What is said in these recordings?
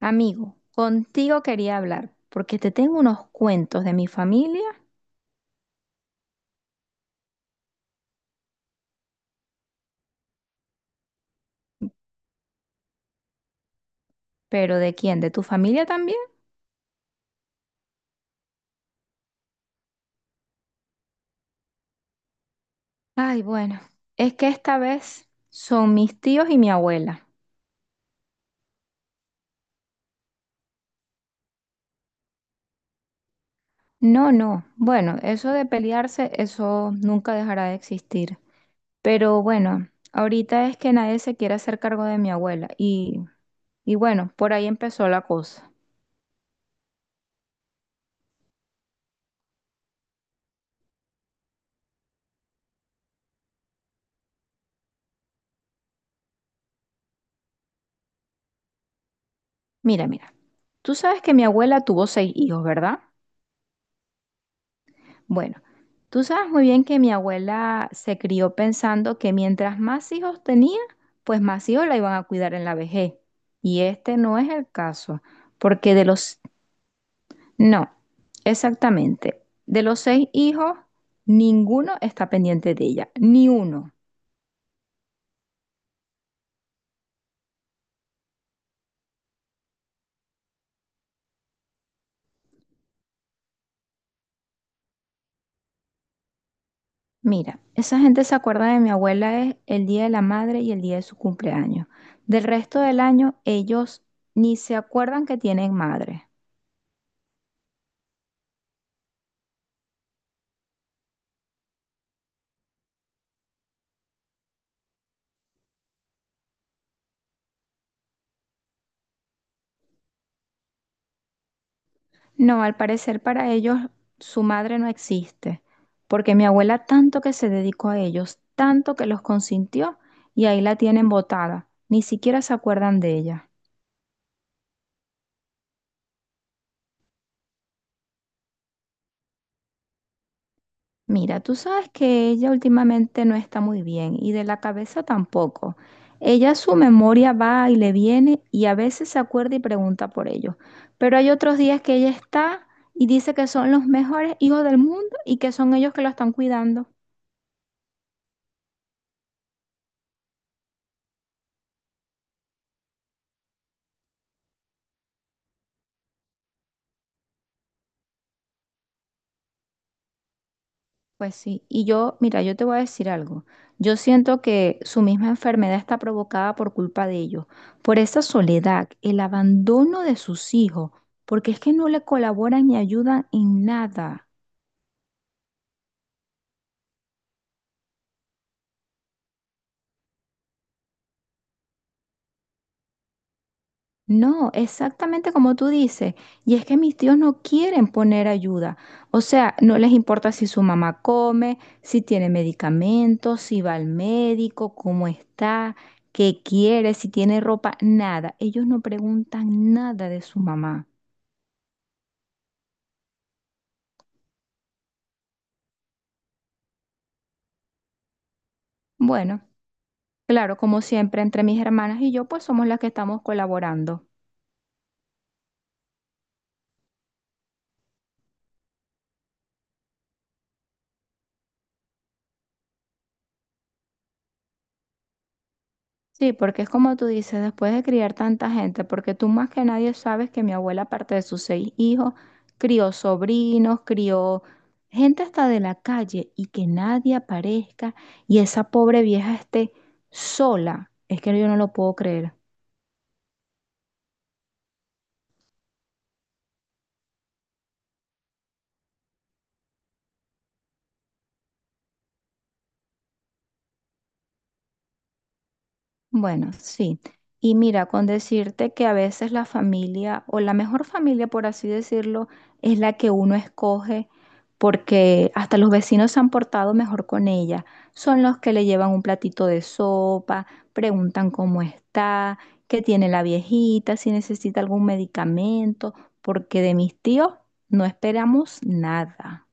Amigo, contigo quería hablar porque te tengo unos cuentos de mi familia, pero ¿de quién? ¿De tu familia también? Ay, bueno, es que esta vez son mis tíos y mi abuela. No, no, bueno, eso de pelearse, eso nunca dejará de existir. Pero bueno, ahorita es que nadie se quiere hacer cargo de mi abuela y bueno, por ahí empezó la cosa. Mira, mira, tú sabes que mi abuela tuvo seis hijos, ¿verdad? Bueno, tú sabes muy bien que mi abuela se crió pensando que mientras más hijos tenía, pues más hijos la iban a cuidar en la vejez. Y este no es el caso, porque de los... No, exactamente. De los seis hijos, ninguno está pendiente de ella, ni uno. Mira, esa gente se acuerda de mi abuela es el día de la madre y el día de su cumpleaños. Del resto del año, ellos ni se acuerdan que tienen madre. No, al parecer para ellos su madre no existe, porque mi abuela tanto que se dedicó a ellos, tanto que los consintió y ahí la tienen botada, ni siquiera se acuerdan de ella. Mira, tú sabes que ella últimamente no está muy bien y de la cabeza tampoco. Ella su memoria va y le viene y a veces se acuerda y pregunta por ellos, pero hay otros días que ella está y dice que son los mejores hijos del mundo y que son ellos que la están cuidando. Pues sí, y yo, mira, yo te voy a decir algo. Yo siento que su misma enfermedad está provocada por culpa de ellos, por esa soledad, el abandono de sus hijos, porque es que no le colaboran ni ayudan en nada. No, exactamente como tú dices. Y es que mis tíos no quieren poner ayuda. O sea, no les importa si su mamá come, si tiene medicamentos, si va al médico, cómo está, qué quiere, si tiene ropa, nada. Ellos no preguntan nada de su mamá. Bueno, claro, como siempre, entre mis hermanas y yo, pues somos las que estamos colaborando. Sí, porque es como tú dices, después de criar tanta gente, porque tú más que nadie sabes que mi abuela, aparte de sus seis hijos, crió sobrinos, crió gente hasta de la calle y que nadie aparezca y esa pobre vieja esté sola. Es que yo no lo puedo creer. Bueno, sí. Y mira, con decirte que a veces la familia, o la mejor familia, por así decirlo, es la que uno escoge porque hasta los vecinos se han portado mejor con ella. Son los que le llevan un platito de sopa, preguntan cómo está, qué tiene la viejita, si necesita algún medicamento, porque de mis tíos no esperamos nada.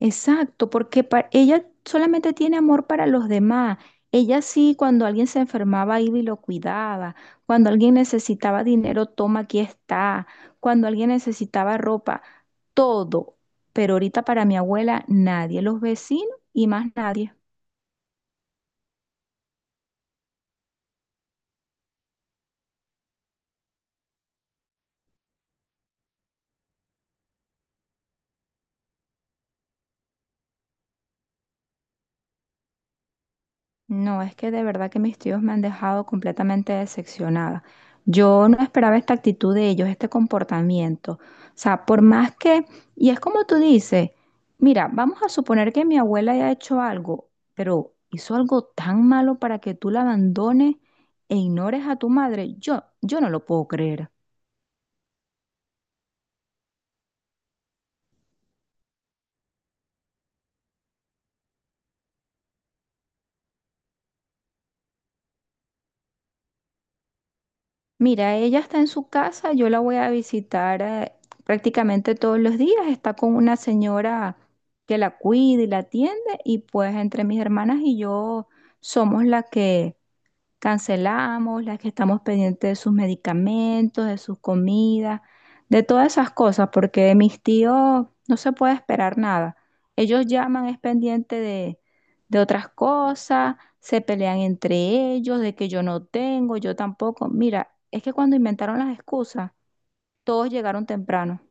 Exacto, porque ella solamente tiene amor para los demás. Ella sí, cuando alguien se enfermaba, iba y lo cuidaba. Cuando alguien necesitaba dinero, toma, aquí está. Cuando alguien necesitaba ropa, todo. Pero ahorita para mi abuela, nadie, los vecinos y más nadie. No, es que de verdad que mis tíos me han dejado completamente decepcionada. Yo no esperaba esta actitud de ellos, este comportamiento. O sea, por más que, y es como tú dices, mira, vamos a suponer que mi abuela haya hecho algo, pero hizo algo tan malo para que tú la abandones e ignores a tu madre. Yo no lo puedo creer. Mira, ella está en su casa, yo la voy a visitar prácticamente todos los días, está con una señora que la cuida y la atiende y pues entre mis hermanas y yo somos la que cancelamos, las que estamos pendientes de sus medicamentos, de sus comidas, de todas esas cosas, porque de mis tíos no se puede esperar nada. Ellos llaman, es pendiente de otras cosas, se pelean entre ellos, de que yo no tengo, yo tampoco. Mira, es que cuando inventaron las excusas, todos llegaron temprano.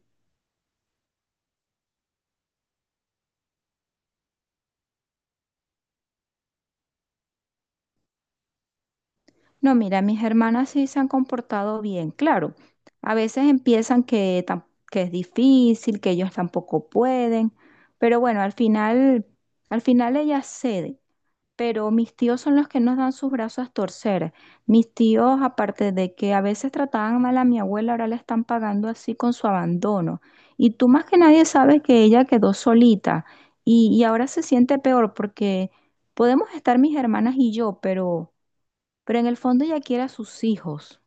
No, mira, mis hermanas sí se han comportado bien, claro. A veces empiezan que, que es difícil, que ellos tampoco pueden, pero bueno, al final ellas ceden. Pero mis tíos son los que nos dan sus brazos a torcer. Mis tíos, aparte de que a veces trataban mal a mi abuela, ahora la están pagando así con su abandono. Y tú más que nadie sabes que ella quedó solita y ahora se siente peor porque podemos estar mis hermanas y yo, pero en el fondo ella quiere a sus hijos.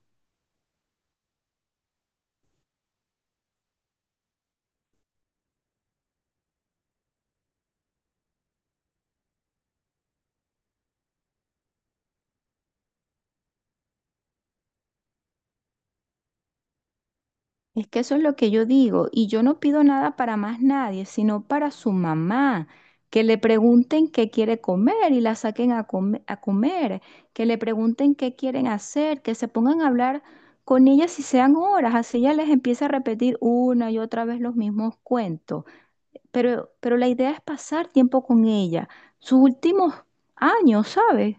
Es que eso es lo que yo digo, y yo no pido nada para más nadie, sino para su mamá, que le pregunten qué quiere comer y la saquen a, a comer, que le pregunten qué quieren hacer, que se pongan a hablar con ella si sean horas, así ella les empieza a repetir una y otra vez los mismos cuentos. Pero la idea es pasar tiempo con ella, sus últimos años, ¿sabes?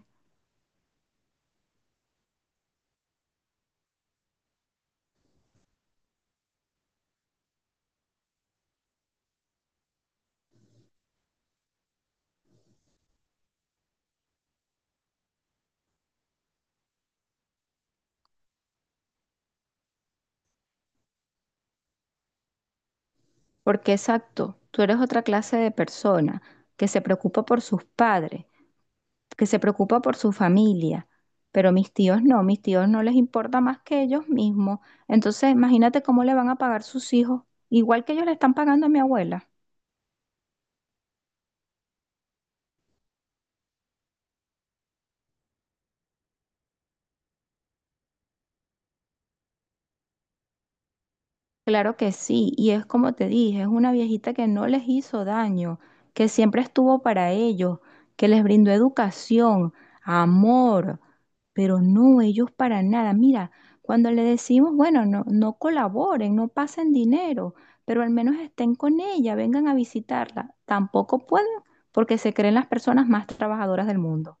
Porque exacto, tú eres otra clase de persona que se preocupa por sus padres, que se preocupa por su familia, pero mis tíos no les importa más que ellos mismos. Entonces, imagínate cómo le van a pagar sus hijos, igual que ellos le están pagando a mi abuela. Claro que sí, y es como te dije, es una viejita que no les hizo daño, que siempre estuvo para ellos, que les brindó educación, amor. Pero no, ellos para nada. Mira, cuando le decimos, bueno, no, no colaboren, no pasen dinero, pero al menos estén con ella, vengan a visitarla. Tampoco pueden porque se creen las personas más trabajadoras del mundo.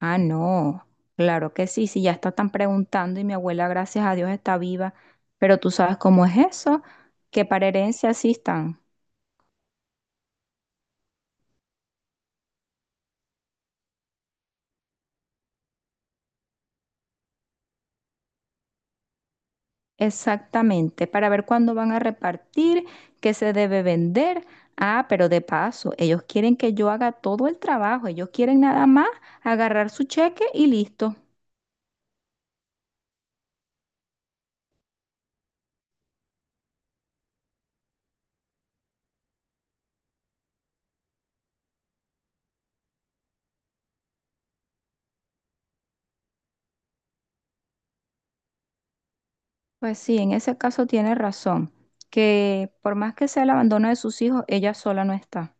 Ah, no, claro que sí, si ya está tan preguntando y mi abuela, gracias a Dios, está viva, pero tú sabes cómo es eso, que para herencia sí están. Exactamente, para ver cuándo van a repartir, qué se debe vender. Ah, pero de paso, ellos quieren que yo haga todo el trabajo, ellos quieren nada más agarrar su cheque y listo. Pues sí, en ese caso tiene razón, que por más que sea el abandono de sus hijos, ella sola no está.